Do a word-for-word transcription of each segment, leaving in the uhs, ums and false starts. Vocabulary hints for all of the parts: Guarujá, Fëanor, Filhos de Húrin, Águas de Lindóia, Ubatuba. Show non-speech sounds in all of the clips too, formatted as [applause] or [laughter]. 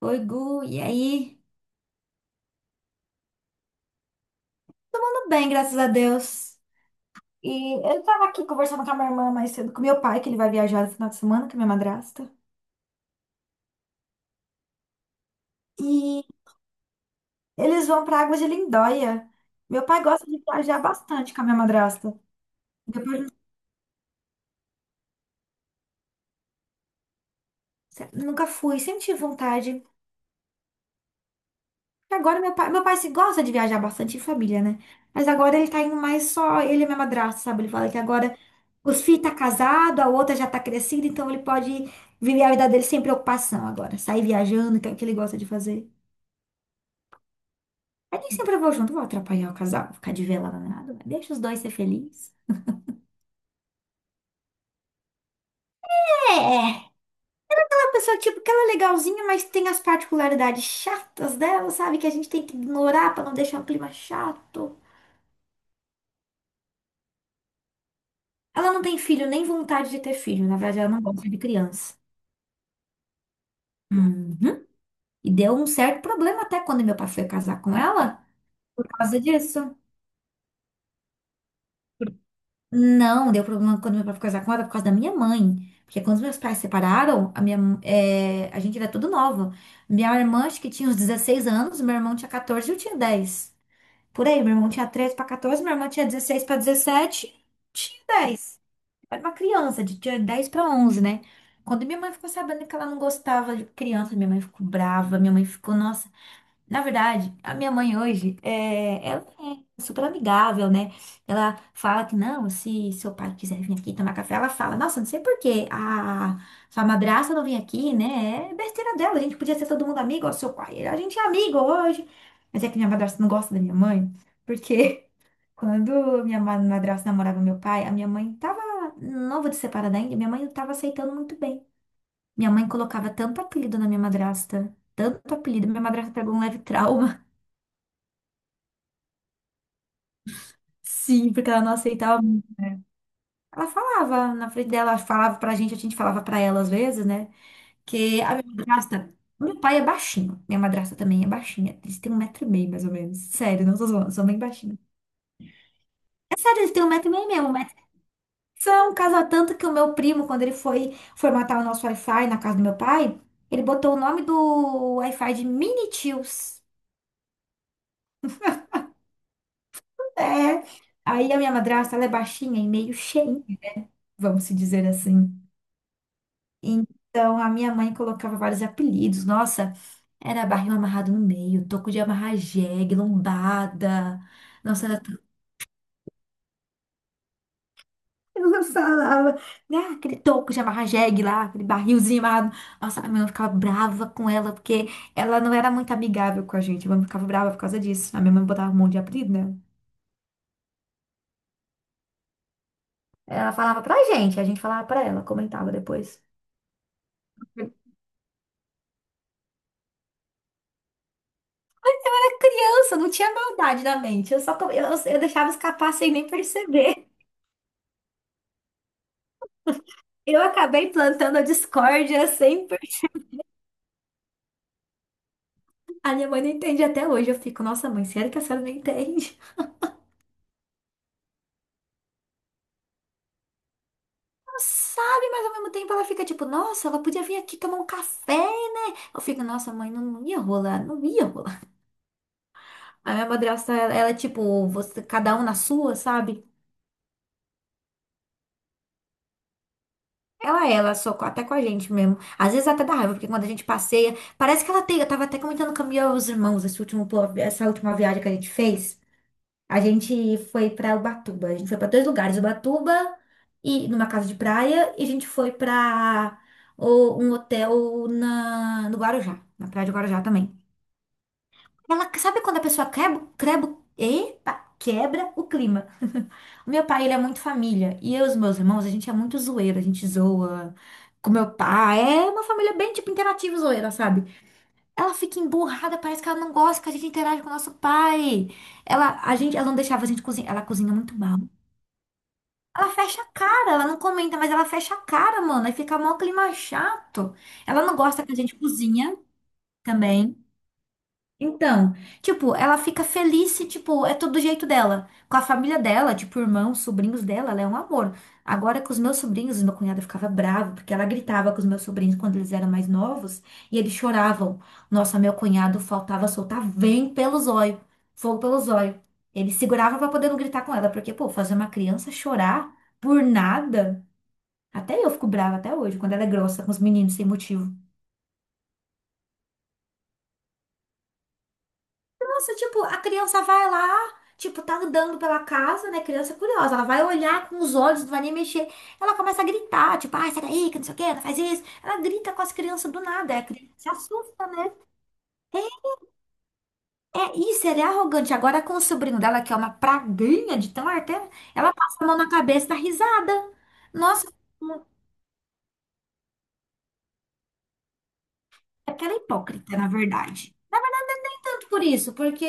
Oi, Gu, e aí? Tudo bem, graças a Deus. E eu tava aqui conversando com a minha irmã mais cedo, com meu pai, que ele vai viajar no final de semana, com a minha madrasta. E eles vão pra Águas de Lindóia. Meu pai gosta de viajar bastante com a minha madrasta. Depois, nunca fui, sempre tive vontade. Agora meu pai, meu pai se gosta de viajar bastante em família, né? Mas agora ele tá indo mais só ele e minha madrasta, sabe? Ele fala que agora os filhos tá casado, a outra já tá crescida, então ele pode viver a vida dele sem preocupação agora. Sair viajando, que é o que ele gosta de fazer. Aí nem sempre eu vou junto, vou atrapalhar o casal, vou ficar de velada nada, mas deixa os dois ser felizes. É, é uma pessoa tipo que ela é legalzinha, mas tem as particularidades chatas dela, sabe? Que a gente tem que ignorar pra não deixar o clima chato. Ela não tem filho, nem vontade de ter filho, na verdade ela não gosta de criança. Uhum. E deu um certo problema até quando meu pai foi casar com ela, por causa disso. Não, deu problema quando meu pai foi casar com ela por causa da minha mãe. Porque quando os meus pais separaram, a minha, é, a gente era tudo novo. Minha irmã acho que tinha uns dezesseis anos, meu irmão tinha catorze, e eu tinha dez. Por aí, meu irmão tinha treze para catorze, minha irmã tinha dezesseis para dezessete. Tinha dez, era uma criança, de- tinha dez para onze, né? Quando minha mãe ficou sabendo que ela não gostava de criança, minha mãe ficou brava, minha mãe ficou, nossa. Na verdade, a minha mãe hoje, é, ela é super amigável, né? Ela fala que não, se seu pai quiser vir aqui tomar café, ela fala, nossa, não sei por que a sua madrasta não vem aqui, né? É besteira dela, a gente podia ser todo mundo amigo, ó, seu pai, a gente é amigo hoje. Mas é que minha madrasta não gosta da minha mãe, porque [laughs] quando minha ma- madrasta namorava meu pai, a minha mãe tava, não de separada ainda, minha mãe não tava aceitando muito bem. Minha mãe colocava tanto apelido na minha madrasta, tanto apelido, minha madrasta pegou um leve trauma. Sim, porque ela não aceitava muito. Ela falava na frente dela, falava pra gente, a gente falava pra ela às vezes, né? Que a minha madrasta, meu pai é baixinho, minha madrasta também é baixinha. Eles têm um metro e meio, mais ou menos. Sério, não tô zoando, são bem baixinhos. É sério, eles têm um metro e meio mesmo, um metro. São um casal tanto que o meu primo, quando ele foi formatar o nosso Wi-Fi na casa do meu pai, ele botou o nome do Wi-Fi de Mini Tios. É. Aí a minha madrasta, ela é baixinha e meio cheinha, vamos se dizer assim. Então, a minha mãe colocava vários apelidos. Nossa, era barril amarrado no meio, toco de amarrar jegue, lombada. Nossa, ela [laughs] ela falava, né, aquele toco de amarrar jegue lá, aquele barrilzinho amarrado. Nossa, a minha mãe ficava brava com ela, porque ela não era muito amigável com a gente. A minha mãe ficava brava por causa disso. A minha mãe botava um monte de apelido, né? Ela falava pra gente, a gente falava pra ela, comentava depois. Criança, não tinha maldade na mente. Eu só, co- eu, eu deixava escapar sem nem perceber. Eu acabei plantando a discórdia sempre. A minha mãe não entende até hoje. Eu fico, nossa, mãe, sério que a senhora não entende? Não sabe, mas ao mesmo tempo ela fica tipo, nossa, ela podia vir aqui tomar um café, né? Eu fico, nossa, mãe, não, não ia rolar, não ia rolar. A minha madrasta, ela, ela é tipo, você, cada um na sua, sabe? Ela, é, ela, só com- até com a gente mesmo. Às vezes até dá raiva, porque quando a gente passeia, parece que ela tem. Eu tava até comentando com a minha- os irmãos esse último, po- essa última viagem que a gente fez. A gente foi para Ubatuba. A gente foi para dois lugares, Ubatuba e numa casa de praia, e a gente foi para um hotel na, no Guarujá, na praia de Guarujá também. Ela sabe quando a pessoa quebra, quebra, epa, quebra o clima. [laughs] O meu pai, ele é muito família, e eu e os meus irmãos, a gente é muito zoeiro, a gente zoa com meu pai. É uma família bem tipo interativa e zoeira, sabe? Ela fica emburrada, parece que ela não gosta que a gente interage com o nosso pai. Ela, a gente, ela não deixava a gente cozinhar, ela cozinha muito mal. Ela fecha a cara, ela não comenta, mas ela fecha a cara, mano. Aí fica mó clima chato. Ela não gosta que a gente cozinha também. Então, tipo, ela fica feliz se, tipo, é todo do jeito dela. Com a família dela, tipo, irmãos, sobrinhos dela, ela é um amor. Agora, com os meus sobrinhos, meu cunhado ficava bravo, porque ela gritava com os meus sobrinhos quando eles eram mais novos, e eles choravam. Nossa, meu cunhado faltava soltar vem pelo zóio, fogo pelo zóio. Ele segurava pra poder não gritar com ela, porque, pô, fazer uma criança chorar por nada, até eu fico brava até hoje, quando ela é grossa com os meninos sem motivo. Nossa, tipo, a criança vai lá, tipo, tá andando pela casa, né? Criança é curiosa, ela vai olhar com os olhos, não vai nem mexer. Ela começa a gritar, tipo, ai, sai daí, que não sei o quê, não faz isso. Ela grita com as crianças do nada, é, a criança se assusta, né? É isso, ele é arrogante. Agora com o sobrinho dela, que é uma praguinha de tão arteira, ela passa a mão na cabeça e dá risada. Nossa, é aquela hipócrita, na verdade. Não é tanto por isso, porque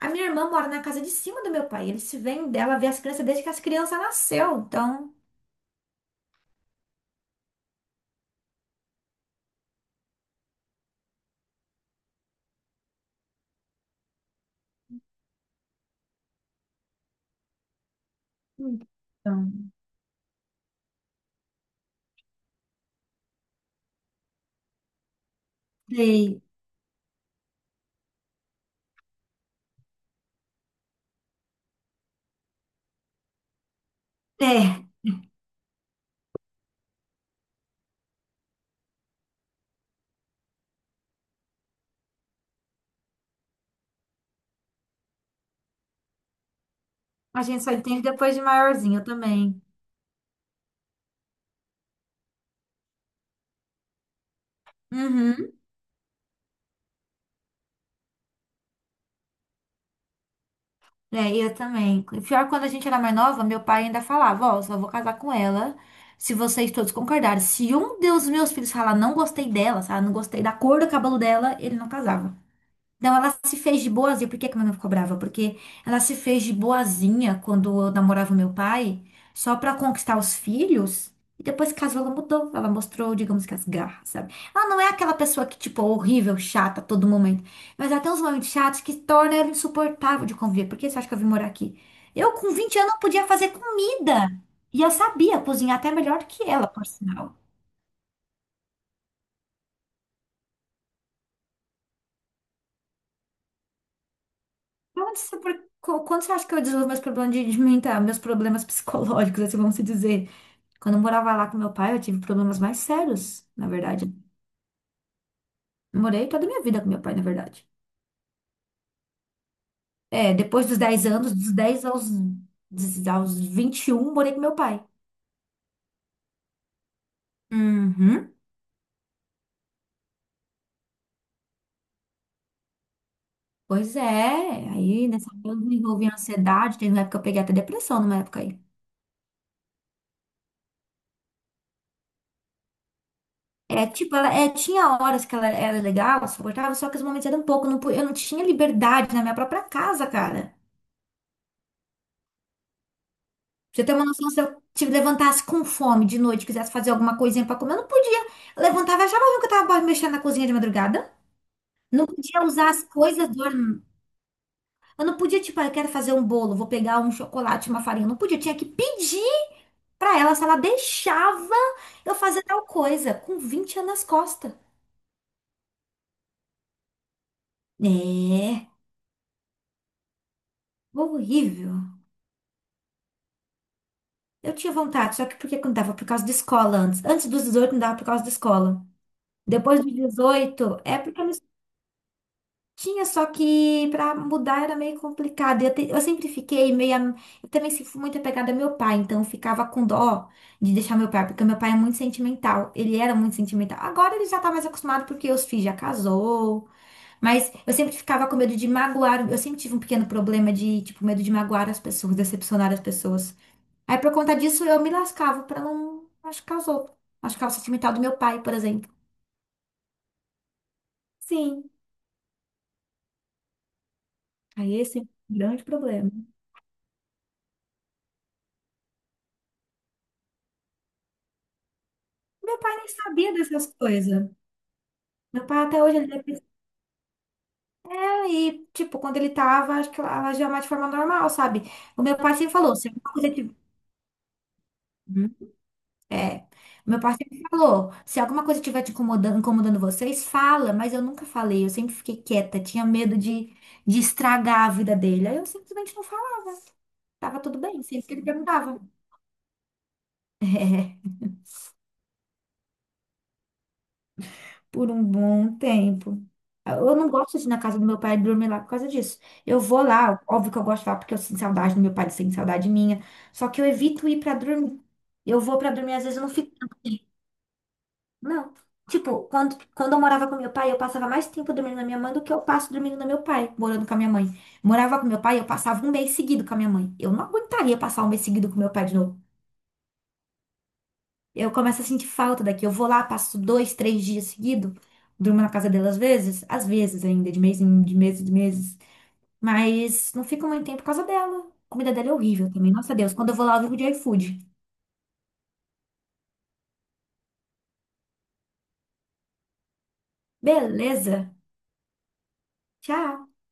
a minha irmã mora na casa de cima do meu pai. Eles se veem dela, vê as crianças desde que as crianças nasceu, então. Então, sei. É, a gente só entende depois de maiorzinho, eu também. Uhum. É, eu também. Pior, quando a gente era mais nova, meu pai ainda falava, ó, só vou casar com ela se vocês todos concordarem. Se um dos meus filhos falar não gostei dela, sabe, não gostei da cor do cabelo dela, ele não casava. Não, ela se fez de boazinha. Por que que minha mãe ficou brava? Porque ela se fez de boazinha quando eu namorava meu pai, só pra conquistar os filhos. E depois que casou, ela mudou. Ela mostrou, digamos que as garras, sabe? Ela não é aquela pessoa que, tipo, é horrível, chata a todo momento. Mas ela tem uns momentos chatos que torna ela insuportável de conviver. Por que você acha que eu vim morar aqui? Eu, com vinte anos, não podia fazer comida. E eu sabia cozinhar até melhor que ela, por sinal. Então, isso é por- qu- Quando você acha que eu desenvolvo meus problemas de, de mental, meus problemas psicológicos, assim, vamos se dizer? Quando eu morava lá com meu pai, eu tive problemas mais sérios, na verdade. Morei toda a minha vida com meu pai, na verdade. É, depois dos dez anos, dos dez aos, dos- aos vinte e um morei com meu pai. Uhum. Pois é, aí nessa época eu desenvolvi ansiedade, teve uma época que eu peguei até depressão numa época aí. É, tipo, ela é, tinha horas que ela era legal, suportável, só que os momentos eram pouco, eu não, pu- eu não tinha liberdade na minha própria casa, cara. Pra você tem uma noção, se eu te levantasse com fome de noite, quisesse fazer alguma coisinha pra comer, eu não podia. Eu levantava, achava ruim que eu tava mexendo na cozinha de madrugada. Não podia usar as coisas do... Eu não podia, tipo, ah, eu quero fazer um bolo, vou pegar um chocolate, uma farinha. Eu não podia, tinha que pedir pra ela se ela deixava eu fazer tal coisa, com vinte anos nas costas. É, horrível. Eu tinha vontade, só que porque não dava por causa da escola antes. Antes dos dezoito não dava por causa da escola. Depois dos dezoito é porque eu me. Tinha, só que para mudar era meio complicado. Eu, te- eu sempre fiquei meio. Eu também se- fui muito apegada ao meu pai, então eu ficava com dó de deixar meu pai, porque meu pai é muito sentimental. Ele era muito sentimental. Agora ele já tá mais acostumado porque os filhos já casou. Mas eu sempre ficava com medo de magoar. Eu sempre tive um pequeno problema de, tipo, medo de magoar as pessoas, decepcionar as pessoas. Aí por conta disso eu me lascava pra não machucar os outros. Machucar o sentimental do meu pai, por exemplo. Sim. Aí esse é um grande problema. Meu pai nem sabia dessas coisas. Meu pai até hoje ele deve e, tipo, quando ele tava, acho que ela agia mais de forma normal, sabe? O meu pai sempre falou, se alguma coisa tiver... [laughs] Uhum. É. O meu pai sempre falou, se alguma coisa estiver te incomodando, incomodando vocês, fala, mas eu nunca falei, eu sempre fiquei quieta, tinha medo de, de estragar a vida dele. Aí eu simplesmente não falava. Tava tudo bem, sempre que ele perguntava. [laughs] Por um bom tempo. Eu não gosto de ir na casa do meu pai e dormir lá por causa disso. Eu vou lá, óbvio que eu gosto de lá porque eu sinto saudade do meu pai, ele sente saudade minha. Só que eu evito ir pra dormir. Eu vou pra dormir, às vezes eu não fico tanto tempo. Não. Tipo, quando, quando eu morava com meu pai, eu passava mais tempo dormindo na minha mãe do que eu passo dormindo no meu pai, morando com a minha mãe. Morava com meu pai, eu passava um mês seguido com a minha mãe. Eu não aguentaria passar um mês seguido com meu pai de novo. Eu começo a sentir falta daqui. Eu vou lá, passo dois, três dias seguido, durmo na casa dela às vezes, às vezes ainda, de mês em de meses, de meses. Mas não fico muito tempo por causa dela. A comida dela é horrível também. Nossa Deus, quando eu vou lá, eu vivo de iFood. Beleza. Tchau.